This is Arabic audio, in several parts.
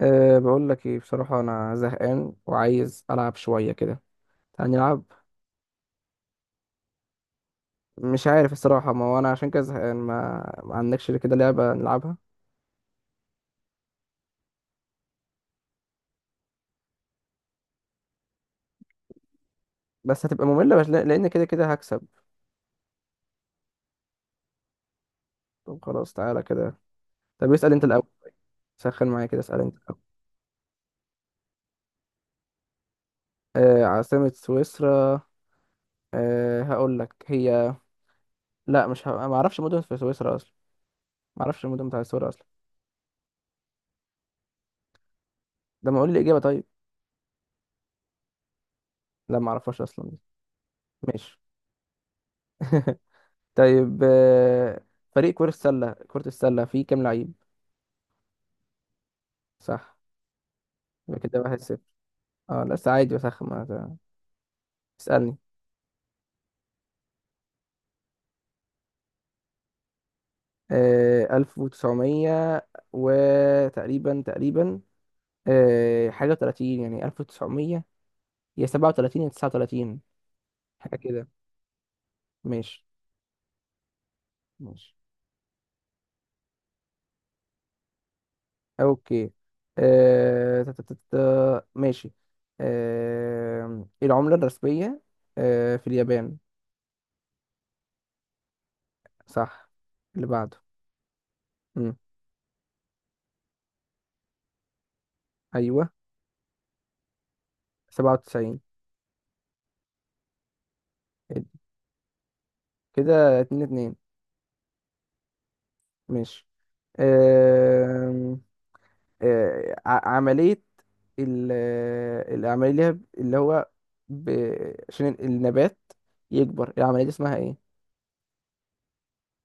بقول لك ايه بصراحة، انا زهقان وعايز العب شوية كده. تعال نلعب. مش عارف الصراحة، ما هو انا عشان كده زهقان، ما عندكش كده لعبة نلعبها؟ بس هتبقى مملة، بس لان كده كده هكسب. طب خلاص تعالى كده. طب اسأل انت الاول. سخن معايا كده، اسأل انت الاول. عاصمة سويسرا. هقول لك هي. لا، مش ما اعرفش مدن في سويسرا اصلا. ما اعرفش المدن بتاع سويسرا اصلا. ده ما اقول لي اجابة طيب. لا، ما اعرفهاش اصلا. ماشي. طيب، فريق كرة السلة فيه كام لعيب؟ صح. يبقى كده 1-0. اه لا، بس عادي بسخن ما. اسألني. ألف وتسعمية، وتقريبا، حاجة وتلاتين، يعني ألف وتسعمية، يا سبعة وتلاتين يا تسعة وتلاتين. حاجة كده. ماشي. ماشي. أوكي. ماشي. العملة الرسمية في اليابان؟ صح. اللي بعده. مم. أيوه. 97. كده 2-2. ماشي. آه عملية، العملية اللي هي اللي هو ب... عشان النبات يكبر، العملية دي اسمها ايه؟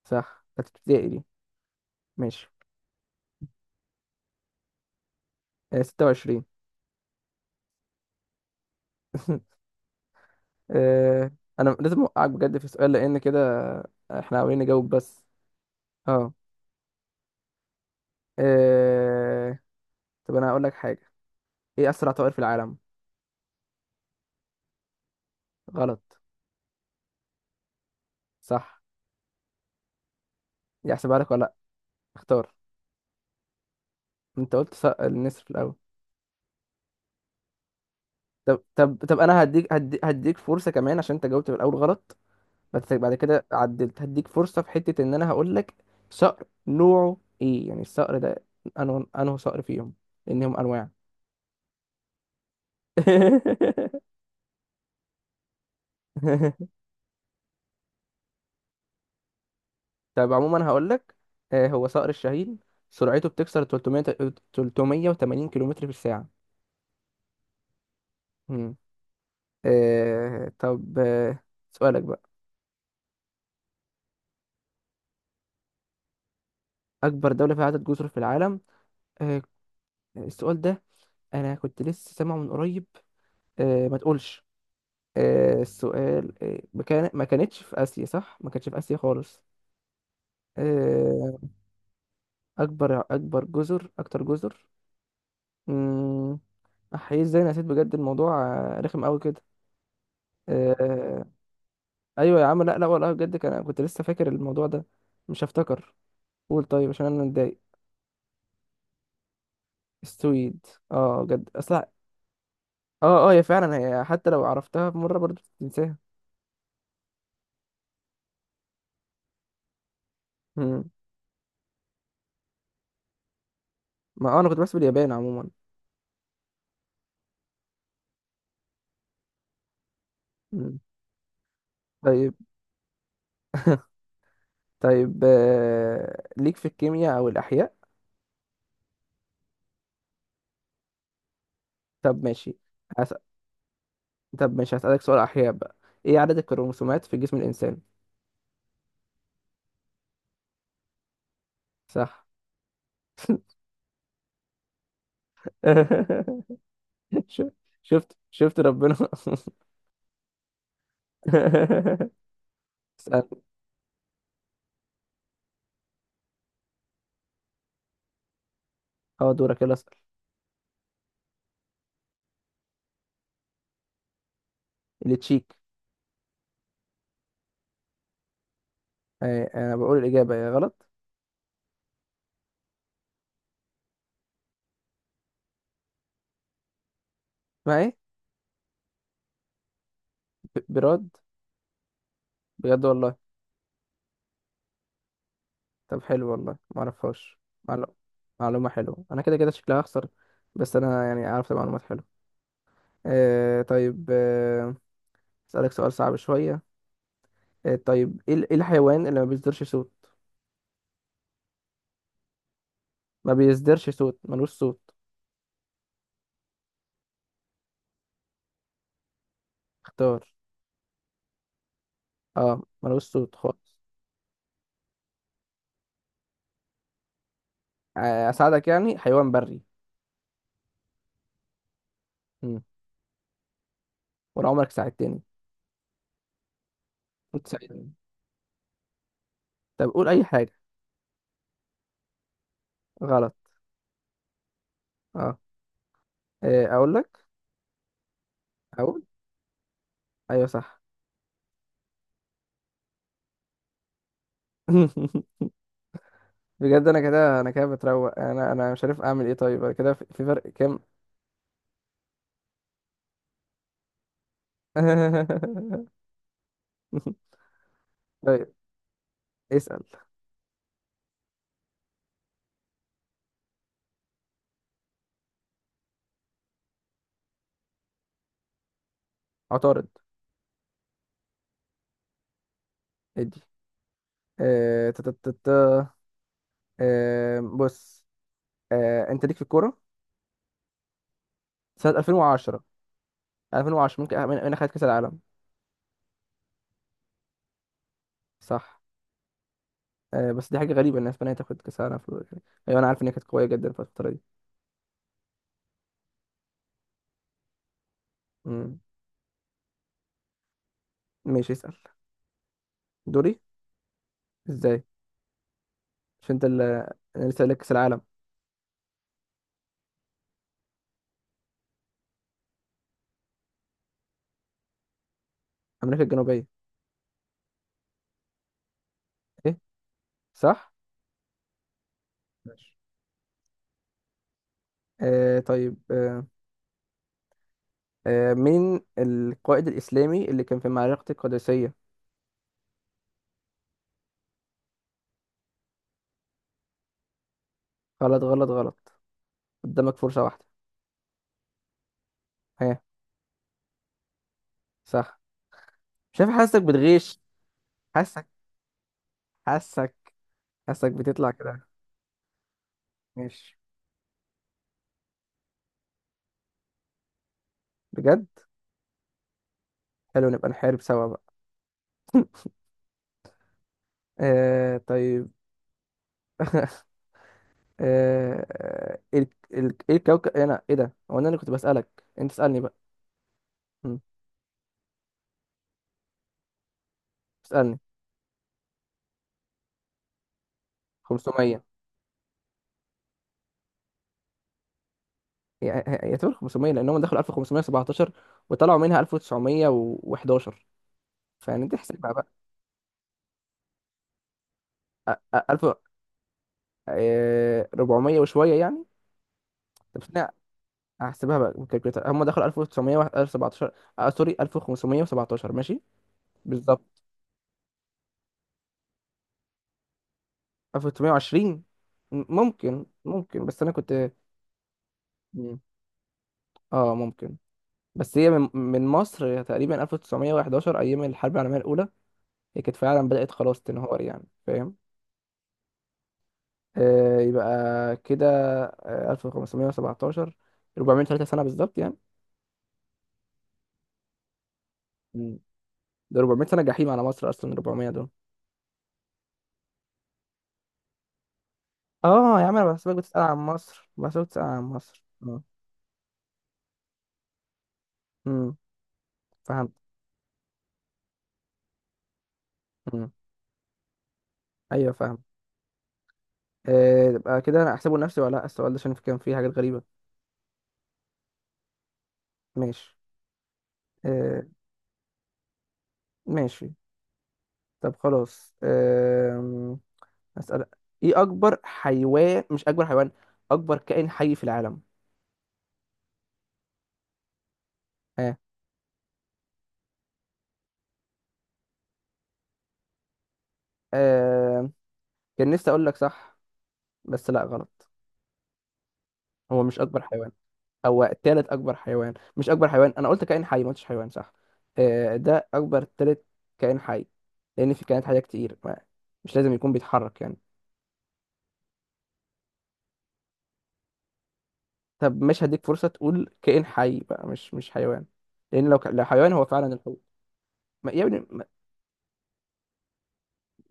صح، بتاعت ابتدائي دي. ماشي. 26. آه، انا لازم اوقعك بجد في السؤال لان كده، احنا عاوزين نجاوب بس. اه. آه، طب انا هقول لك حاجة. ايه اسرع طائر في العالم؟ غلط. صح. دي احسبها لك ولا لا؟ اختار. انت قلت النسر في الاول. طب، طب، طب، انا هديك فرصة كمان، عشان انت جاوبت في الاول غلط. بس بعد كده عدلت، هديك فرصة في حتة ان انا هقول لك. صقر نوعه ايه، يعني الصقر ده؟ انه صقر فيهم، لانهم انواع. طب عموما هقول لك، هو صقر الشاهين، سرعته بتكسر 300، 380 كيلومتر في الساعة. مم. طب سؤالك بقى. اكبر دولة فيها عدد جزر في العالم؟ آه، السؤال ده، انا كنت لسه سامعه من قريب. ما تقولش. السؤال، ما كانتش في آسيا صح؟ ما كانتش في آسيا خالص. آه أكبر جزر، أكتر جزر. مم. أحيي، إزاي أنا نسيت بجد الموضوع؟ رخم أوي كده. آه أيوة يا عم، لا، لا والله، بجد كنت لسه فاكر الموضوع ده. مش هفتكر. قول طيب، عشان أنا متضايق. السويد؟ اه بجد أصلا؟ اه، اه، هي فعلا، هي حتى لو عرفتها مرة برضه بتنساها. مم. ما أنا كنت بحسب اليابان عموما. مم. طيب. طيب، ليك في الكيمياء او الاحياء؟ طب ماشي. هس... طب ماشي، هسألك سؤال احياء بقى. ايه عدد الكروموسومات في جسم الانسان؟ صح. شو- شفت ربنا. اسأل. اه، دورك، يلا اسأل. اللي تشيك. انا بقول الاجابة يا غلط. ما ايه. براد، بجد والله؟ طب حلو والله، ما اعرفهاش. معلو- معلومة حلوة، انا كده كده شكلها هخسر، بس انا يعني عرفت معلومات حلوة. طيب اسألك سؤال صعب شوية. طيب، إيه الحيوان اللي ما بيصدرش صوت؟ ما بيصدرش صوت، ملوش صوت. اختار. اه ملوش صوت خالص. اساعدك، يعني حيوان بري. مم. ولا عمرك ساعدتني. كنت ساعدني. طب قول اي حاجه. غلط. اه. اقول لك. اقول. ايوه صح. بجد انا كده بتروق، انا مش عارف اعمل ايه، طيب انا كده في فرق كام؟ طيب اسال. عطارد. ادي. آه، تا- تا- تا- تا. بص. انت ليك في الكوره سنة 2010. 2010 ممكن من خدت كأس العالم؟ صح. بس دي حاجة غريبة إن أسبانيا تاخد كأس العالم في الوقت ده. أيوة، أنا عارف إن هي كانت قوية جدا في الفترة دي. مم. ماشي، اسأل. دوري؟ إزاي؟ مش أنت اللي أنا لسه قايل لك كأس العالم؟ أمريكا الجنوبية. إيه، صح؟ ماشي. طيب مين القائد الإسلامي اللي كان في معركة القادسية؟ غلط، غلط، غلط. قدامك فرصة واحدة. ها؟ صح. شايف، حاسك بتغش. حاسك، حاسك، حاسك بتطلع كده. ماشي. بجد. حلو، نبقى نحارب سوا بقى. طيب. آه ال- ايه الكوكب، إيه انا ايه ده، هو انا اللي كنت بسألك؟ انت اسألني بقى. مم. اسألني. 500. يعتبر 500، لانهم دخلوا 1517 وطلعوا منها 1911، فيعني انت احسبها بقى. 1000. 400 وشوية يعني. طب استنى، هحسبها بقى بالكالكوليتر. هم دخلوا 1917، سوري، 1517، ماشي، بالظبط. 1920؟ ممكن بس انا كنت. اه ممكن. بس هي، من مصر تقريبا 1911 ايام الحرب العالميه الاولى، هي كانت فعلا بدات خلاص تنهار، يعني فاهم. يبقى كده، 1517، 403 سنه بالظبط يعني. مم. ده 400 سنه جحيم على مصر، اصلا 400 دول. اه يا عم، انا بحسبك بتسال عن مصر، بحسبك بتسال عن مصر، اه. امم فهمت. امم ايوه فاهم. يبقى كده انا احسبه لنفسي ولا لا؟ السؤال ده عشان كان فيه حاجات غريبه. ماشي. آه ماشي. طب خلاص، أسأل. إيه أكبر حيوان، مش أكبر حيوان، أكبر كائن حي في العالم؟ ها؟ آه. كان نفسي أقول لك صح، بس لا، غلط. هو مش أكبر حيوان. هو تالت أكبر حيوان، مش أكبر حيوان، أنا قلت كائن حي، ما قلتش حيوان، صح. ده أكبر تالت كائن حي، لأن في كائنات حية كتير، ما مش لازم يكون بيتحرك يعني. طب مش هديك فرصة تقول كائن حي بقى، مش حيوان، لأن لو حيوان هو فعلا الحوت. ما... يا ابني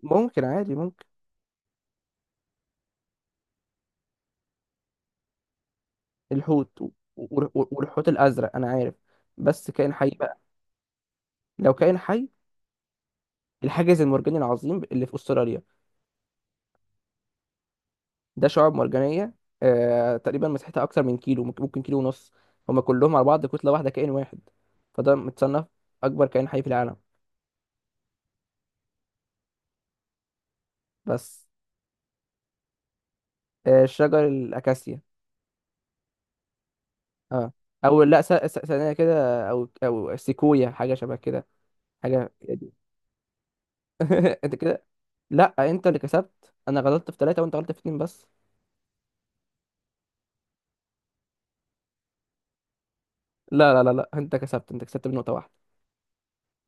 ممكن عادي، ممكن. الحوت والحوت الازرق انا عارف، بس كائن حي بقى. لو كائن حي، الحاجز المرجاني العظيم اللي في استراليا. ده شعاب مرجانيه، تقريبا مساحتها اكتر من كيلو، ممكن كيلو ونص. هما كلهم على بعض كتله واحده، كائن واحد، فده متصنف اكبر كائن حي في العالم. بس. شجر الاكاسيا. اه. او لا، ثانيه كده، او سيكويا، حاجه شبه كده، حاجه. انت كده، لا انت اللي كسبت، انا غلطت في ثلاثه وانت غلطت في اتنين بس. لا، لا، لا، لا، انت كسبت، انت كسبت بنقطة واحدة.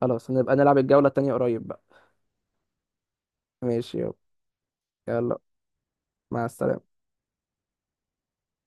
خلاص، نبقى نلعب الجولة التانية قريب بقى. ماشي، يلا. يلا. مع السلامة.